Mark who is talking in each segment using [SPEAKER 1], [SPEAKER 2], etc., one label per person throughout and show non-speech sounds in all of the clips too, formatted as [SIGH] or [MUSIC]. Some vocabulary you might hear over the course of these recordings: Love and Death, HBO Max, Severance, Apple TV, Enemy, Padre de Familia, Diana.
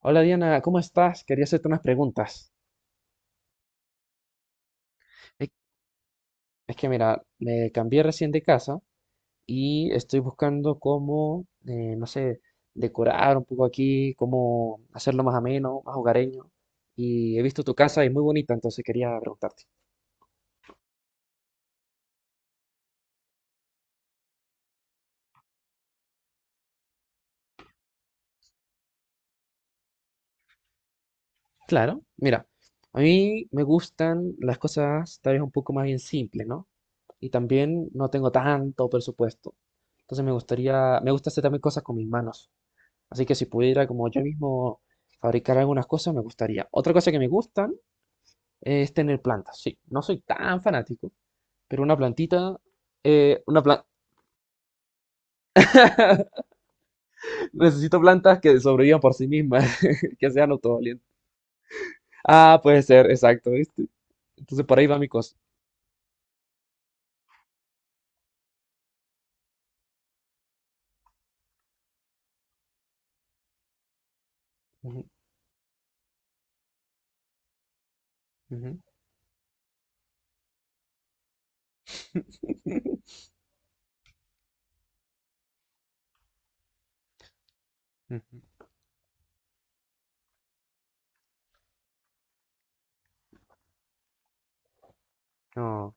[SPEAKER 1] Hola Diana, ¿cómo estás? Quería hacerte unas preguntas. Es es que mira, me cambié recién de casa y estoy buscando cómo, no sé, decorar un poco aquí, cómo hacerlo más ameno, más hogareño. Y he visto tu casa y es muy bonita, entonces quería preguntarte. Claro, mira, a mí me gustan las cosas tal vez un poco más bien simples, ¿no? Y también no tengo tanto presupuesto. Entonces me gustaría, me gusta hacer también cosas con mis manos. Así que si pudiera como yo mismo fabricar algunas cosas, me gustaría. Otra cosa que me gustan es tener plantas. Sí, no soy tan fanático, pero una plantita, una planta, [LAUGHS] necesito plantas que sobrevivan por sí mismas, [LAUGHS] que sean autovalientes. Ah, puede ser, exacto, ¿viste? Entonces por ahí va mi cosa. Ujú, ujú, [LAUGHS] ujú. No,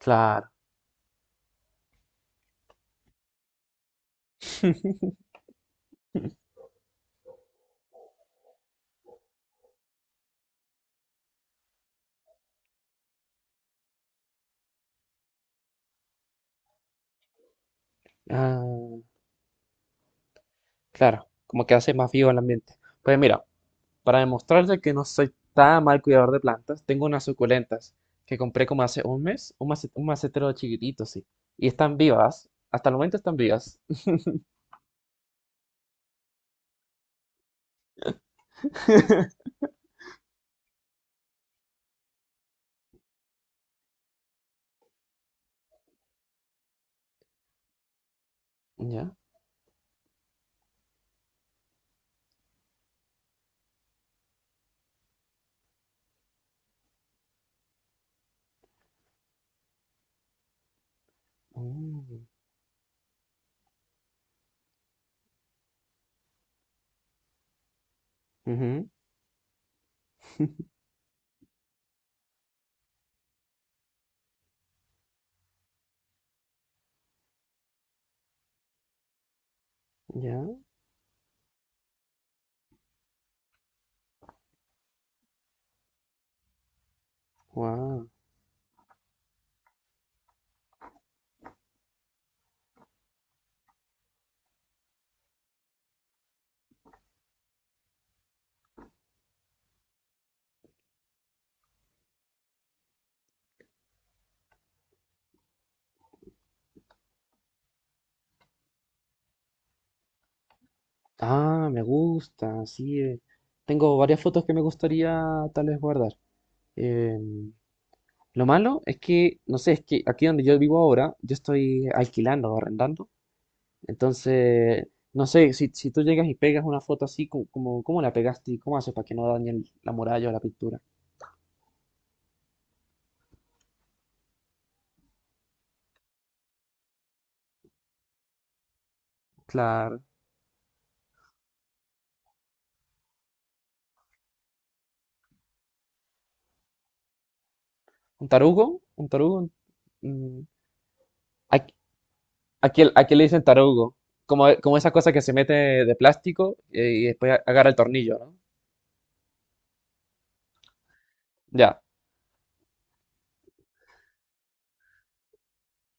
[SPEAKER 1] claro. Ah, claro, como que hace más vivo el ambiente. Pues mira, para demostrarte que no soy tan mal cuidador de plantas, tengo unas suculentas que compré como hace un mes, un un macetero chiquitito, sí. Y están vivas, hasta el momento están vivas. [LAUGHS] Ya. Mm. Ujú. [LAUGHS] Ya. Wow. Ah, me gusta, sí. Tengo varias fotos que me gustaría tal vez guardar. Em, lo malo es que, no sé, es que aquí donde yo vivo ahora, yo estoy alquilando o arrendando. Entonces, no sé, si, si tú llegas y pegas una foto así, como, ¿cómo la pegaste y cómo haces para que no dañe la muralla o la pintura? Claro. ¿Un tarugo? ¿Un tarugo? Mm, aquí, aquí le dicen tarugo. Como, como esa cosa que se mete de plástico y después agarra el tornillo, ¿no? Ya.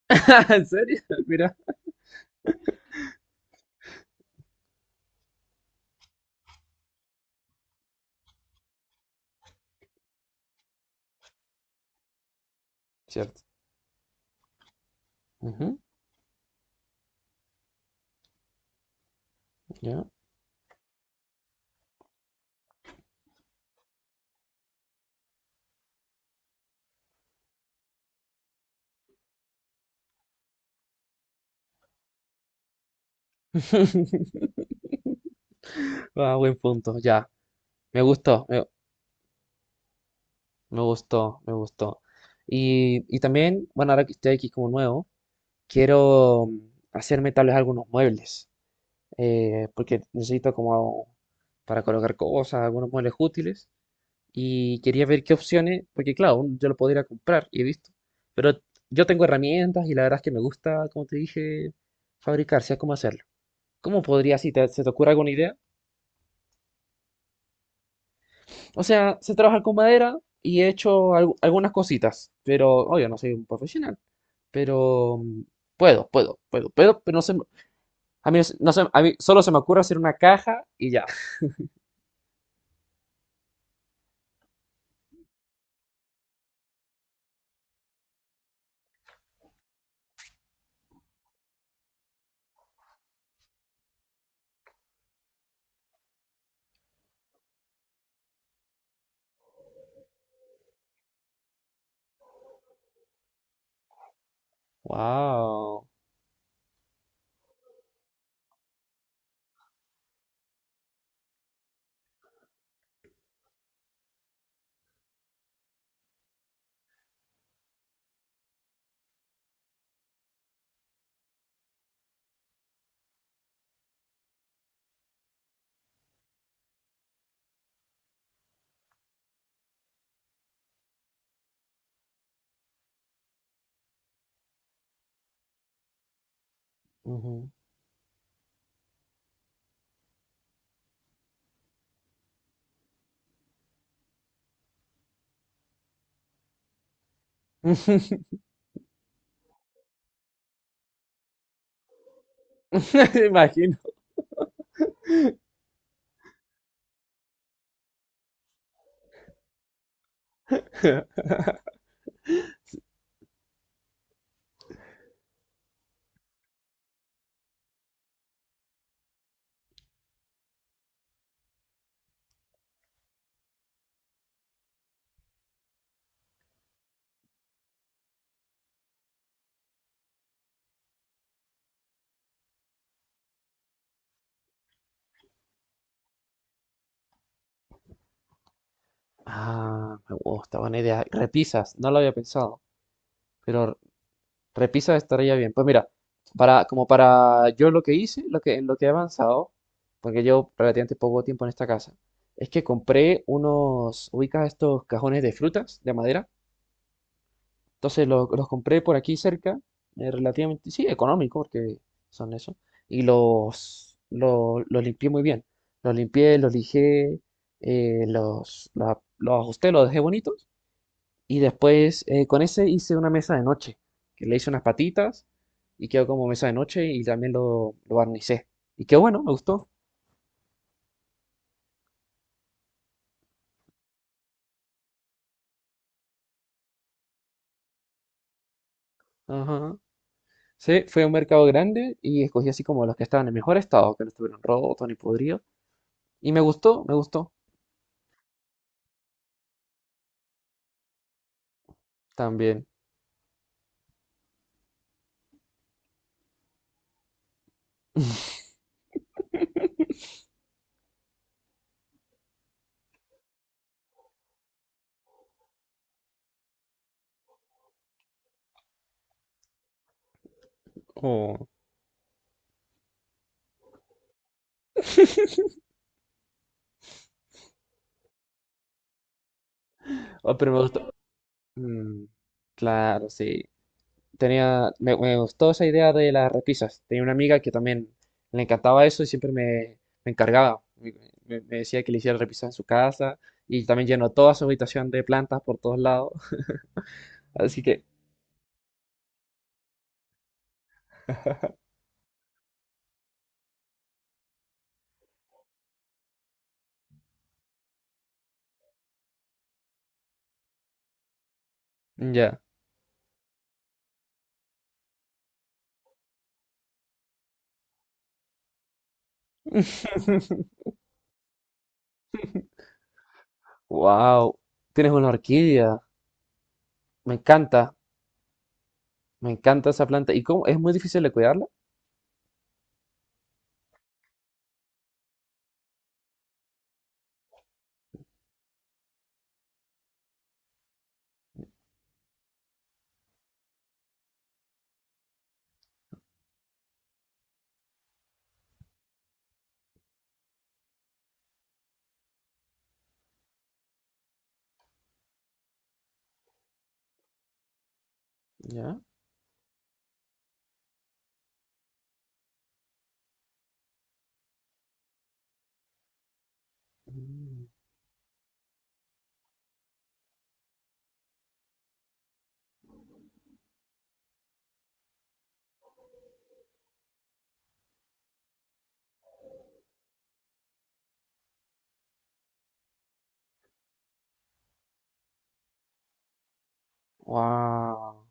[SPEAKER 1] [LAUGHS] ¿En serio? [LAUGHS] Mira. Cierto. Ujú, ya. [LAUGHS] Ah, buen punto, ya. Me gustó, me, me gustó, me gustó. Y también, bueno, ahora que estoy aquí como nuevo, quiero hacerme tal vez algunos muebles, porque necesito como para colocar cosas, algunos muebles útiles. Y quería ver qué opciones, porque claro, yo lo podría comprar y he visto. Pero yo tengo herramientas y la verdad es que me gusta, como te dije, fabricar, sé cómo hacerlo. ¿Cómo podría, si se te ocurre alguna idea? O sea, sé trabajar con madera y he hecho algunas cositas, pero obvio, no soy un profesional. Pero puedo, pero no sé, a mí, no se- a mí solo se me ocurre hacer una caja y ya. Wow. Ujú. [LAUGHS] Me imagino. [LAUGHS] Ah, me gusta, buena idea. Repisas, no lo había pensado, pero repisas estaría bien. Pues mira, para, como para yo lo que hice, lo que, en lo que he avanzado, porque llevo relativamente poco tiempo en esta casa, es que compré unos, ubicas estos cajones de frutas, de madera, entonces los compré por aquí cerca, relativamente, sí, económico, porque son eso. Y los, los limpié muy bien. Los limpié, los lijé, los, los ajusté, los dejé bonitos. Y después con ese hice una mesa de noche, que le hice unas patitas y quedó como mesa de noche y también lo barnicé. Y quedó bueno, me gustó. Ajá. Sí, fue un mercado grande y escogí así como los que estaban en mejor estado, que no estuvieron rotos ni podridos. Y me gustó también. Oh, oh, pero me gustó. Mm, claro, sí. Tenía, me gustó esa idea de las repisas. Tenía una amiga que también le encantaba eso y siempre me, me encargaba. Me, me decía que le hiciera repisas en su casa y también llenó toda su habitación de plantas por todos lados. [LAUGHS] Así que, ya. [LAUGHS] Wow, tienes una orquídea. Me encanta, me encanta esa planta. ¿Y cómo? ¿Es muy difícil de cuidarla? Ya. Wow.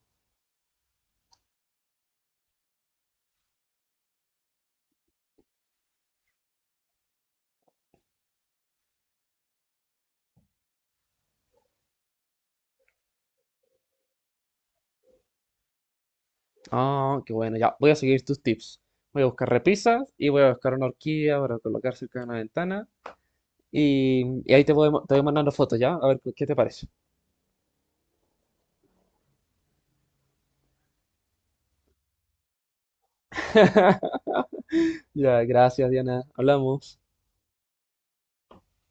[SPEAKER 1] Ah, qué bueno, ya. Voy a seguir tus tips. Voy a buscar repisas y voy a buscar una horquilla para colocar cerca de una ventana. Y ahí te voy mandando fotos, ¿ya? A ver qué te parece. [LAUGHS] Ya, gracias, Diana. Hablamos.